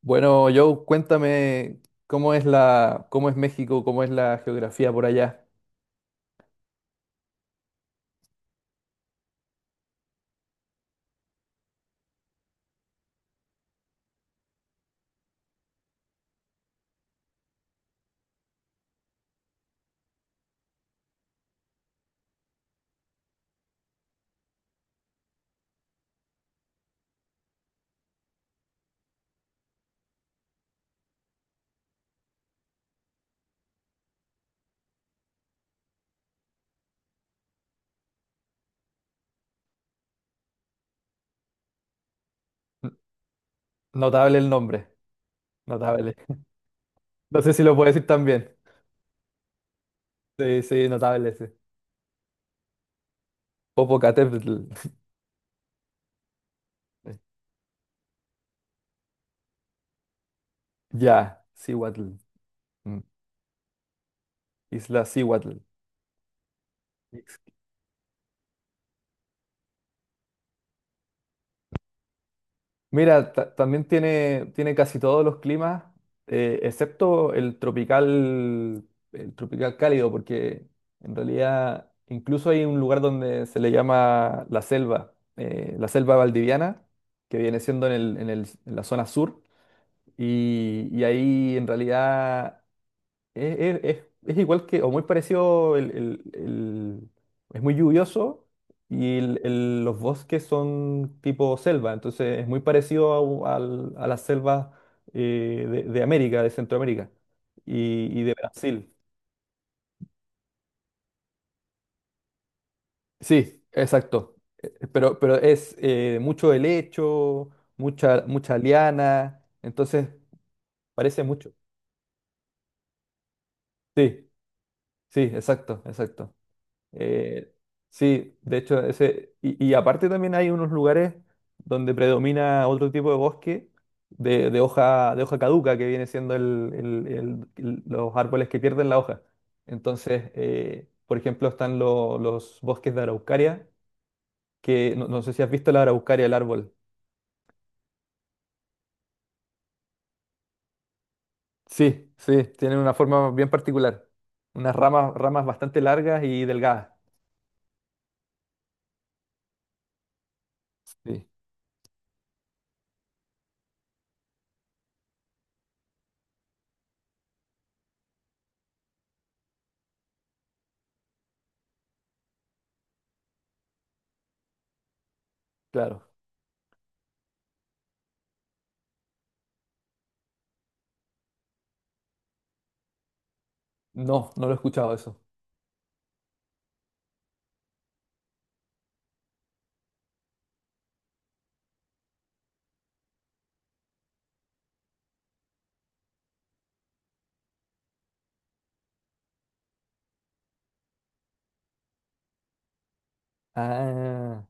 Bueno, Joe, cuéntame cómo es cómo es México, cómo es la geografía por allá. N- Notable el nombre, notable. No sé si lo puedo decir también. Sí, sí, notable, sí. Popocatépetl. Ya, Cihuatl. Mm. Isla Cihuatl. Mira, también tiene, tiene casi todos los climas, excepto el tropical cálido, porque en realidad incluso hay un lugar donde se le llama la selva valdiviana, que viene siendo en la zona sur, y ahí en realidad es igual que, o muy parecido, es muy lluvioso y los bosques son tipo selva, entonces es muy parecido a, a las selvas de América, de Centroamérica y de Brasil. Sí, exacto. Pero es mucho helecho, mucha, mucha liana, entonces parece mucho. Sí, sí, exacto, exacto. Eh, sí, de hecho, ese, y aparte también hay unos lugares donde predomina otro tipo de bosque de hoja caduca, que viene siendo los árboles que pierden la hoja. Entonces, por ejemplo, están los bosques de araucaria, que no, no sé si has visto la araucaria, el árbol. Sí, sí, tienen una forma bien particular, unas ramas, ramas bastante largas y delgadas. Sí, claro. No, no lo he escuchado eso. Ah,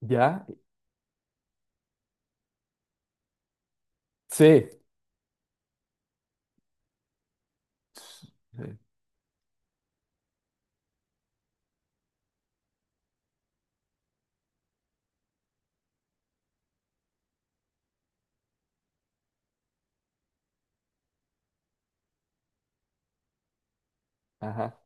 ¿ya? Sí. Sí. Ajá.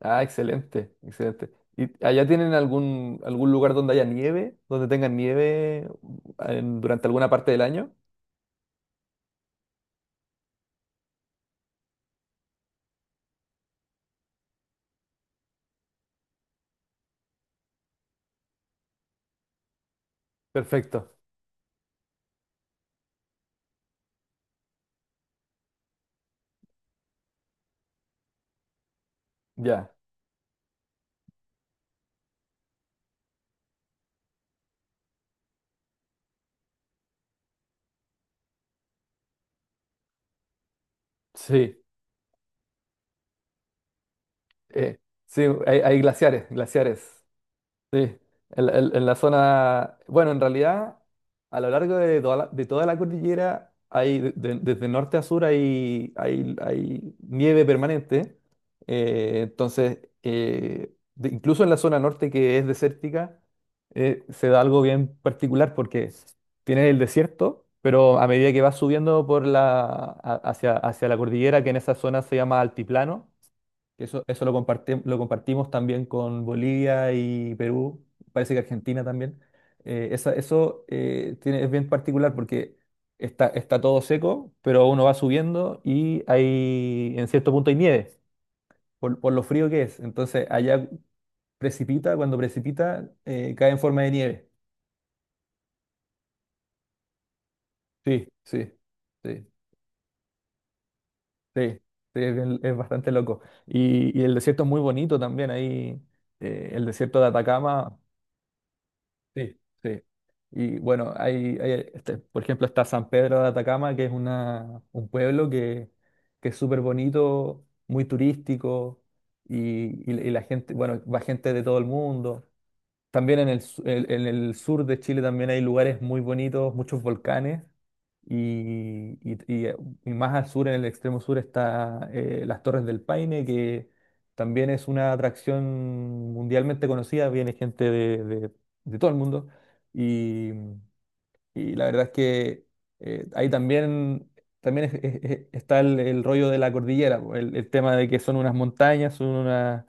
Ah, excelente, excelente. ¿Y allá tienen algún, algún lugar donde haya nieve, donde tengan nieve durante alguna parte del año? Perfecto. Ya. Sí. Eh, sí, hay, hay glaciares, glaciares. Sí, en, en la zona, bueno, en realidad, a lo largo de toda la cordillera, hay, desde norte a sur hay, hay, hay nieve permanente. Entonces, incluso en la zona norte que es desértica, se da algo bien particular porque tienes el desierto, pero a medida que vas subiendo por hacia, hacia la cordillera, que en esa zona se llama altiplano, eso lo compartimos también con Bolivia y Perú, parece que Argentina también. Eso tiene, es bien particular porque está, está todo seco, pero uno va subiendo y hay, en cierto punto hay nieve, por lo frío que es. Entonces allá precipita, cuando precipita, cae en forma de nieve. Sí, sí, sí, sí, sí, es, es bastante loco. Y el desierto es muy bonito también, ahí el desierto de Atacama. Sí, sí. Y bueno, hay, este, por ejemplo, está San Pedro de Atacama, que es una, un pueblo que es súper bonito, muy turístico, y, y la gente, bueno, va gente de todo el mundo. También en el, en el sur de Chile también hay lugares muy bonitos, muchos volcanes y, y más al sur, en el extremo sur, está las Torres del Paine, que también es una atracción mundialmente conocida, viene gente de, de todo el mundo. Y, y la verdad es que ahí también, también está el rollo de la cordillera, po, el tema de que son unas montañas, son unas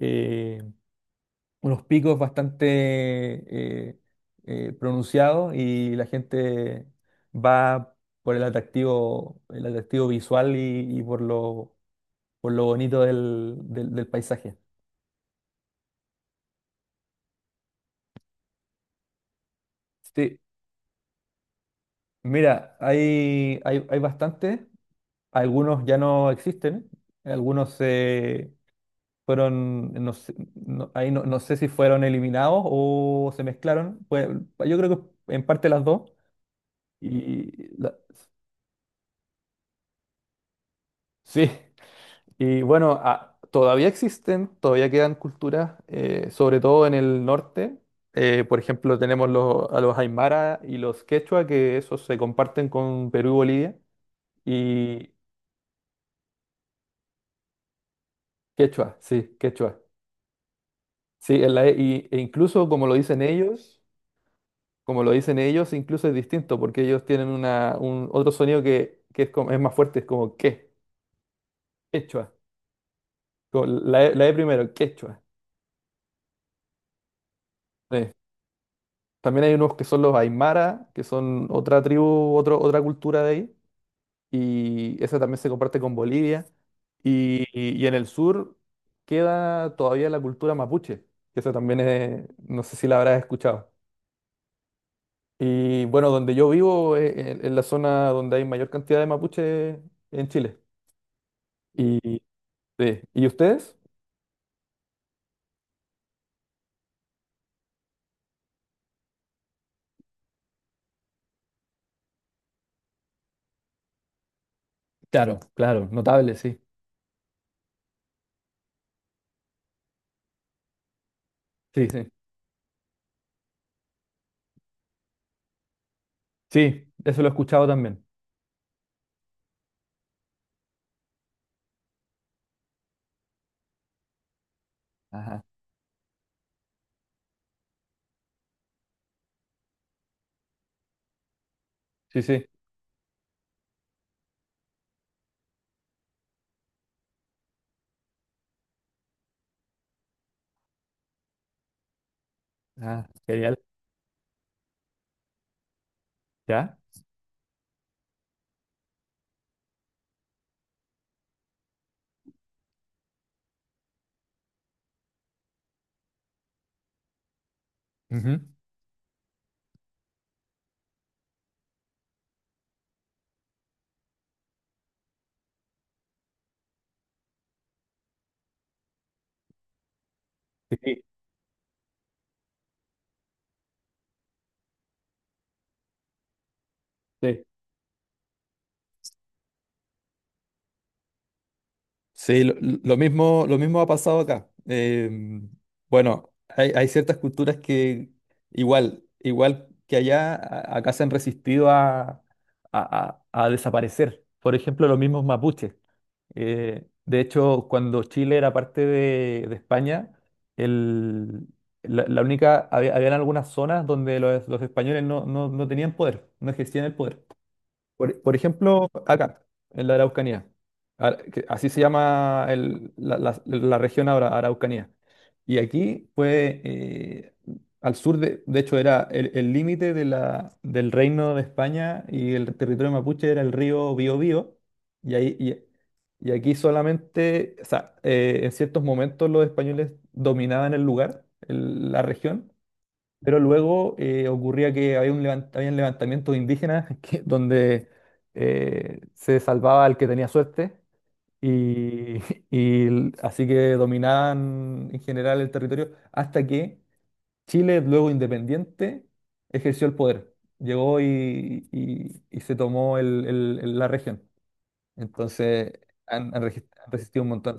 eh, unos picos bastante eh, pronunciados y la gente va por el atractivo visual y por lo bonito del, del paisaje. Sí, mira, hay bastantes, algunos ya no existen, algunos se fueron, no sé, no, ahí no, no sé si fueron eliminados o se mezclaron, pues yo creo que en parte las dos. Y la- sí, y bueno, todavía existen, todavía quedan culturas, sobre todo en el norte. Por ejemplo, tenemos los, a los Aymara y los Quechua, que esos se comparten con Perú y Bolivia. Y Quechua. Sí, en la, e incluso como lo dicen ellos, como lo dicen ellos, incluso es distinto, porque ellos tienen una, un, otro sonido que es, es más fuerte, es como que, Quechua. Como la, la E primero, Quechua. Sí. También hay unos que son los Aymara, que son otra tribu, otro, otra cultura de ahí, y esa también se comparte con Bolivia. Y, y en el sur queda todavía la cultura mapuche, que esa también es, no sé si la habrás escuchado. Y bueno, donde yo vivo es, es la zona donde hay mayor cantidad de mapuche en Chile. ¿Y, sí. ¿Y ustedes? Claro, claro, notable, sí. Sí, sí. Sí, eso lo he escuchado también. Ajá. Sí, sí. Ah, genial. ¿Ya? Ujú. Sí. Sí, Sí, lo mismo ha pasado acá. Bueno, hay, hay ciertas culturas que igual, igual que allá, acá se han resistido a, a desaparecer. Por ejemplo, los mismos mapuches. De hecho, cuando Chile era parte de España, el- la, la única, había, habían algunas zonas donde los españoles no, no tenían poder, no ejercían el poder. Por ejemplo, acá, en la Araucanía. Que así se llama la, la región ahora, Araucanía. Y aquí fue al sur, de hecho, era el límite de del reino de España y el territorio mapuche era el río Biobío. Y, ahí, y aquí solamente, o sea, en ciertos momentos los españoles dominaban el lugar, la región, pero luego ocurría que había un habían levantamientos indígenas donde se salvaba el que tenía suerte y, así que dominaban en general el territorio hasta que Chile, luego independiente, ejerció el poder. Llegó y, y se tomó la región. Entonces han, han resistido un montón.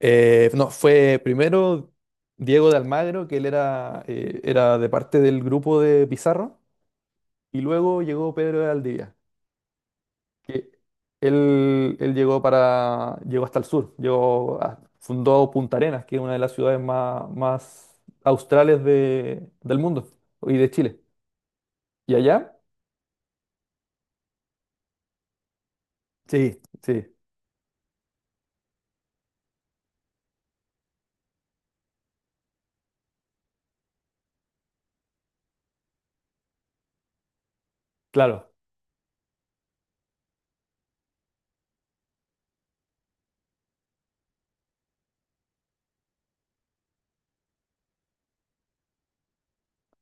No, fue primero Diego de Almagro, que él era, era de parte del grupo de Pizarro, y luego llegó Pedro de Aldivia, que él llegó para, llegó hasta el sur, fundó Punta Arenas, que es una de las ciudades más, más australes del mundo y de Chile. ¿Y allá? Sí, sí, claro.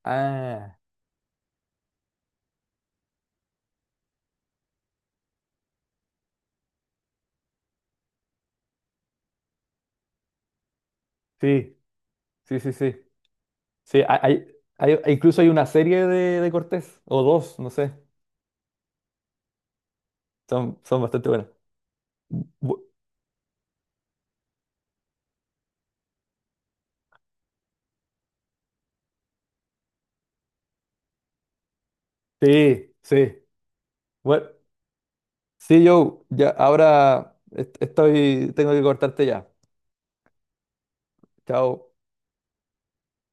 Ah, sí, sí, sí, sí. Sí, hay, incluso hay una serie de Cortés, o dos, no sé. Son, son bastante buenas. Bu- sí, sí. Bueno, sí, yo ya ahora estoy, tengo que cortarte ya. Chao.